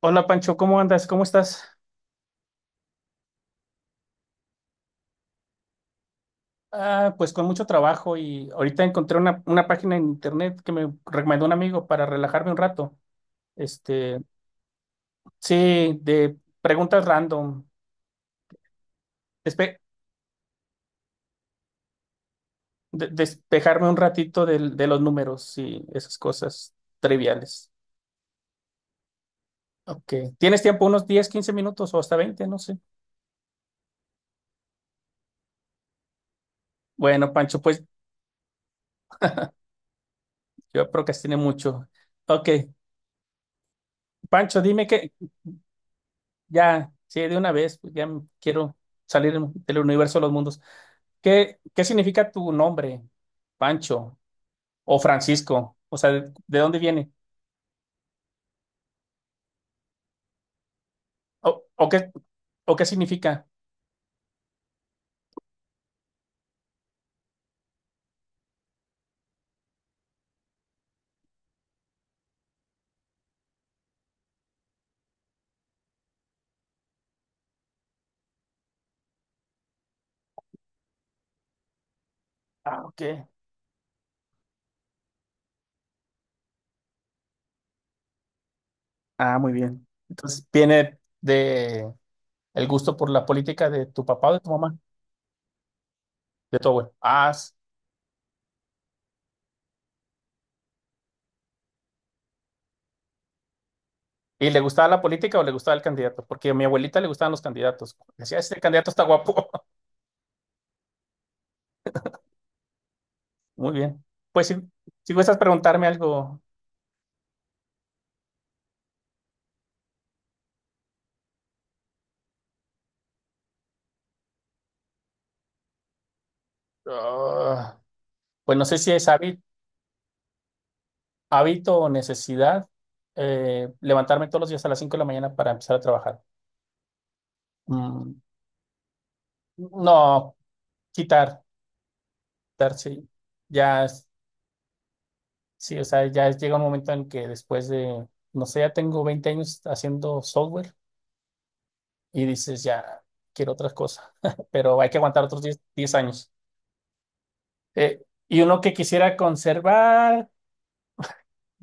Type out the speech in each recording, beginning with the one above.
Hola Pancho, ¿cómo andas? ¿Cómo estás? Ah, pues con mucho trabajo y ahorita encontré una página en internet que me recomendó un amigo para relajarme un rato. Este, sí, de preguntas random, despe- despejarme un ratito los números y esas cosas triviales. Ok, ¿tienes tiempo? Unos 10, 15 minutos ¿o hasta 20? No sé. Bueno, Pancho, pues yo procrastiné mucho. Ok, Pancho, dime que ya. Sí, de una vez, pues ya quiero salir del universo de los mundos. ¿Qué significa tu nombre, Pancho o Francisco? O sea, ¿de dónde viene? ¿O, o qué, o qué significa? Ah, ok. Ah, muy bien. Entonces, viene de el gusto por la política de tu papá o de tu mamá, de tu abuelo. Ah, ¿y le gustaba la política o le gustaba el candidato? Porque a mi abuelita le gustaban los candidatos. Decía, este candidato está guapo. Muy bien. Pues si, si gustas preguntarme algo. Ah, pues no sé si es hábil. Hábito o necesidad. Levantarme todos los días a las 5 de la mañana para empezar a trabajar. Mm, no, quitar, quitar, sí. Ya, sí, o sea, ya llega un momento en que, después de, no sé, ya tengo 20 años haciendo software y dices, ya quiero otras cosas, pero hay que aguantar otros 10 10 años. Eh, y uno que quisiera conservar,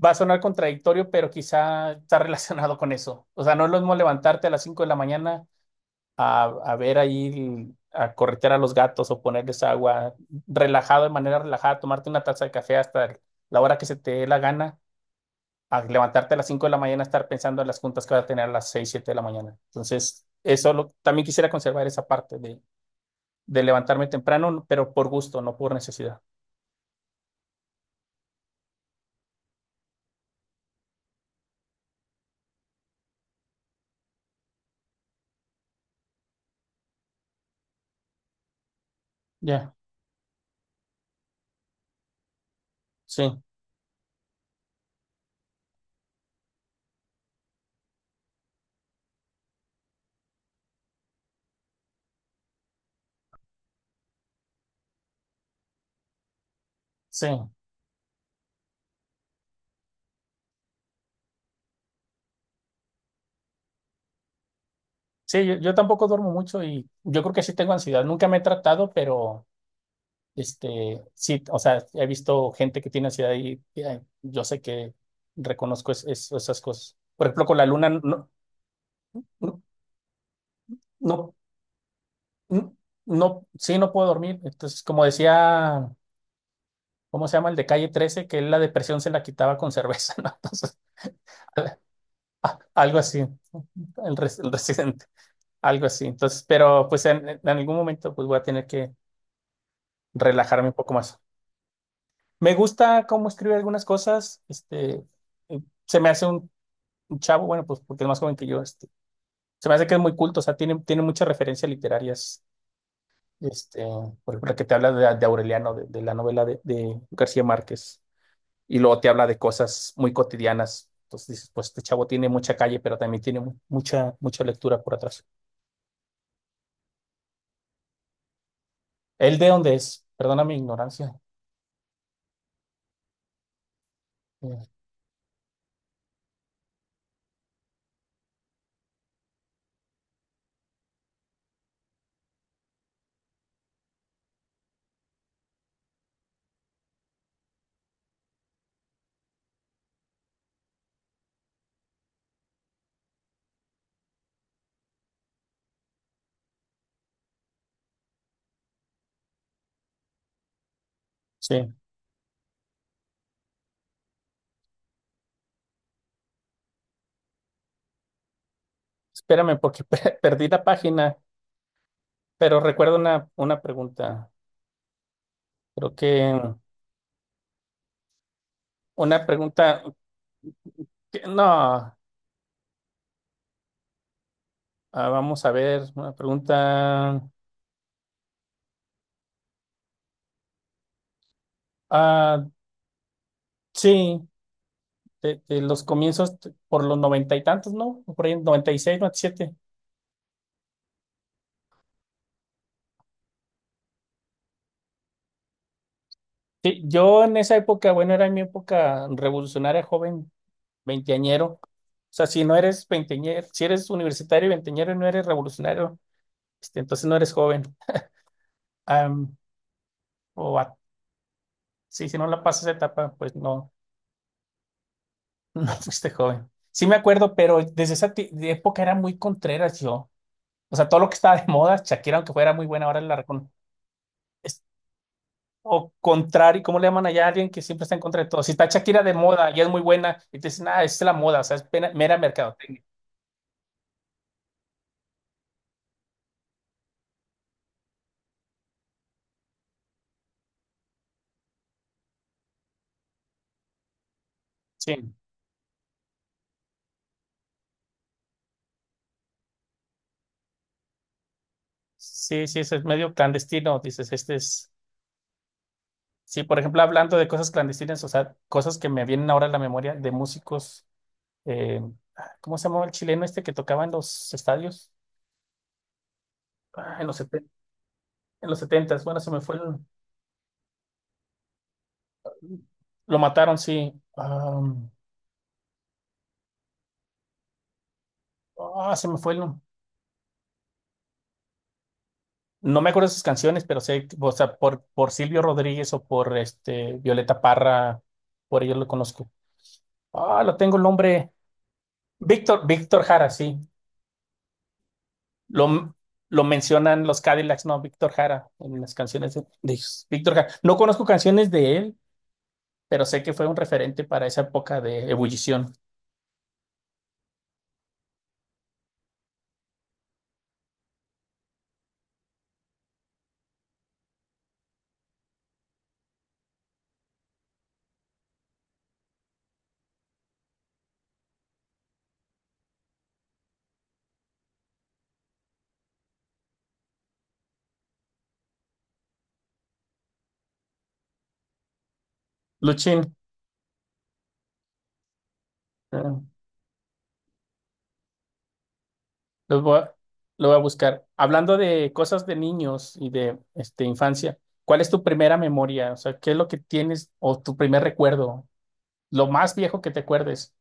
va a sonar contradictorio, pero quizá está relacionado con eso. O sea, no es lo mismo levantarte a las 5 de la mañana a ver ahí, a corretear a los gatos o ponerles agua, relajado, de manera relajada, tomarte una taza de café hasta la hora que se te dé la gana, a levantarte a las 5 de la mañana, estar pensando en las juntas que vas a tener a las 6, 7 de la mañana. Entonces, eso también quisiera conservar, esa parte de levantarme temprano, pero por gusto, no por necesidad. Ya. Sí, sí. Sí, yo tampoco duermo mucho y yo creo que sí tengo ansiedad. Nunca me he tratado, pero... Este, sí, o sea, he visto gente que tiene ansiedad y yo sé que reconozco esas cosas. Por ejemplo, con la luna no, no, no, no, no- no, sí, no puedo dormir. Entonces, como decía, ¿cómo se llama el de Calle 13, que él la depresión se la quitaba con cerveza? ¿No? Entonces, algo así, el residente, algo así. Entonces, pero pues en algún momento pues voy a tener que relajarme un poco más. Me gusta cómo escribe algunas cosas. Este, se me hace un chavo, bueno, pues porque es más joven que yo. Este, se me hace que es muy culto, o sea, tiene muchas referencias literarias. Este, por ejemplo, la que te habla de Aureliano, de la novela de García Márquez, y luego te habla de cosas muy cotidianas. Entonces dices, pues este chavo tiene mucha calle, pero también tiene mucha lectura por atrás. ¿Él de dónde es? Perdona mi ignorancia. Eh, Sí, espérame porque perdí la página, pero recuerdo una pregunta, creo que una pregunta, no. Ah, vamos a ver, una pregunta. Ah, sí, de los comienzos, por los noventa y tantos, ¿no? Por ahí, 96, 97. Sí, yo en esa época, bueno, era mi época revolucionaria, joven, veinteañero. O sea, si no eres veinteañero, si eres universitario y veinteañero y no eres revolucionario, este, entonces no eres joven. Am, o a- sí, si no la pasas esa etapa, pues no, no fuiste joven. Sí me acuerdo, pero desde esa ti- de época era muy contreras yo. O sea, todo lo que estaba de moda, Shakira, aunque fuera muy buena, ahora la recon... O contrario, ¿cómo le llaman allá a alguien que siempre está en contra de todo? Si está Shakira de moda y es muy buena, y te dicen, ah, es la moda, o sea, es mera mercadotecnia. Sí, sí, sí, eso es medio clandestino, dices, este es... Sí, por ejemplo, hablando de cosas clandestinas, o sea, cosas que me vienen ahora a la memoria de músicos, eh, ¿cómo se llamaba el chileno este que tocaba en los estadios? Ah, en los 70, en los setentas, bueno, se me fue el... Lo mataron, sí. Ah, ah, se me fue el... No me acuerdo sus canciones, pero sé, o sea, por Silvio Rodríguez o por este Violeta Parra, por ellos lo conozco. Ah, lo tengo el nombre. Víctor Jara, sí. Lo, lo mencionan los Cadillacs, no, Víctor Jara, en las canciones de ellos. Víctor Jara. No conozco canciones de él, pero sé que fue un referente para esa época de ebullición. Luchín, eh, lo voy a, lo voy a buscar. Hablando de cosas de niños y de, este, infancia, ¿cuál es tu primera memoria? O sea, ¿qué es lo que tienes o tu primer recuerdo? Lo más viejo que te acuerdes.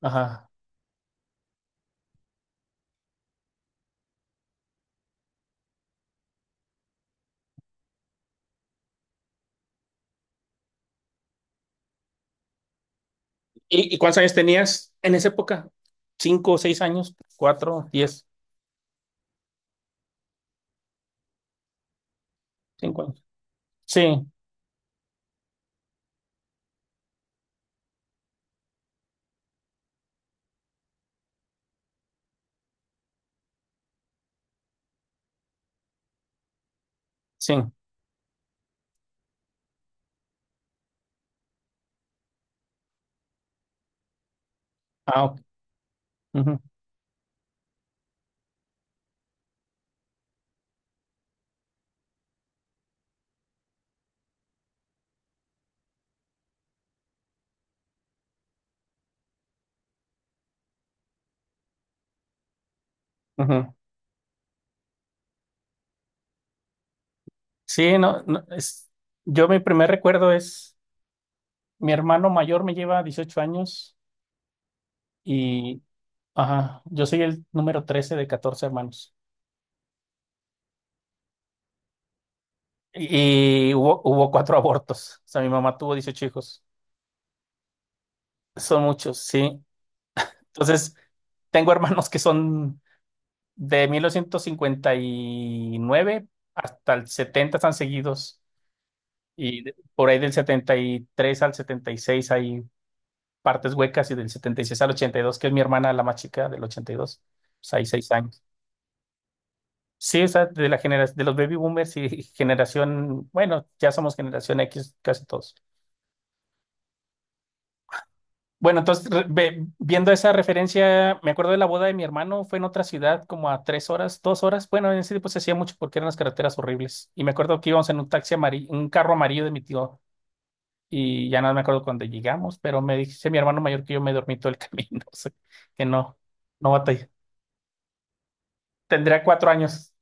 Ajá. Y cuántos años tenías en esa época? ¿Cinco, seis años? ¿Cuatro, diez, cinco años? Sí, sí. Ah, ok. Ujú, ujú. Sí, no, no, es, yo mi primer recuerdo es, mi hermano mayor me lleva 18 años y, ajá, yo soy el número 13 de 14 hermanos. Y hubo cuatro abortos. O sea, mi mamá tuvo 18 hijos. Son muchos, sí. Entonces, tengo hermanos que son de 1959 hasta el 70, están seguidos. Y por ahí del 73 al 76 hay partes huecas y del 76 al 82, que es mi hermana la más chica, del 82. Pues hay 6 años. Sí, o sea, de la generación de los baby boomers y generación, bueno, ya somos generación X casi todos. Bueno, entonces, viendo esa referencia, me acuerdo de la boda de mi hermano. Fue en otra ciudad, como a 3 horas, 2 horas. Bueno, en ese tiempo se hacía mucho porque eran las carreteras horribles. Y me acuerdo que íbamos en un taxi amarillo, un carro amarillo de mi tío, y ya no me acuerdo cuándo llegamos, pero me dice mi hermano mayor que yo me dormí todo el camino, o sea, que no, no batallé. Tendría 4 años.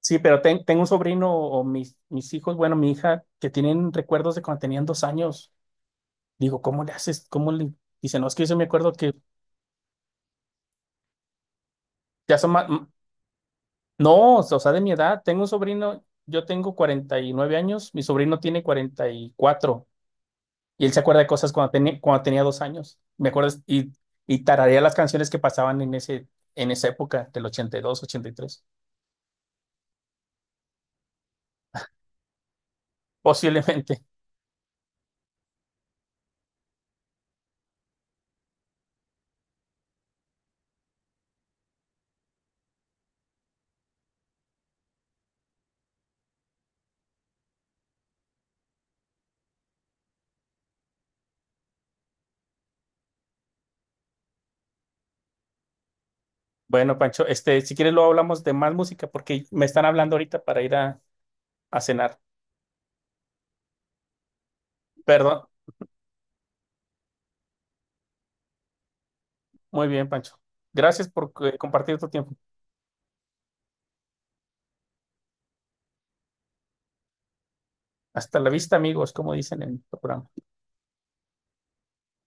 Sí, pero tengo un sobrino o mis, hijos, bueno, mi hija, que tienen recuerdos de cuando tenían 2 años. Digo, ¿cómo le haces? ¿Cómo le...? Dice, no, es que yo sí me acuerdo que ya son más. No, o sea, de mi edad, tengo un sobrino, yo tengo 49 años, mi sobrino tiene 44. Y él se acuerda de cosas cuando tenía 2 años, me acuerdo, y tararea las canciones que pasaban en ese, en esa época del ochenta, ochenta y dos, ochenta y tres, posiblemente. Bueno, Pancho, este, si quieres luego hablamos de más música porque me están hablando ahorita para ir a cenar. Perdón, muy bien, Pancho. Gracias por compartir tu tiempo. Hasta la vista, amigos, como dicen en el programa.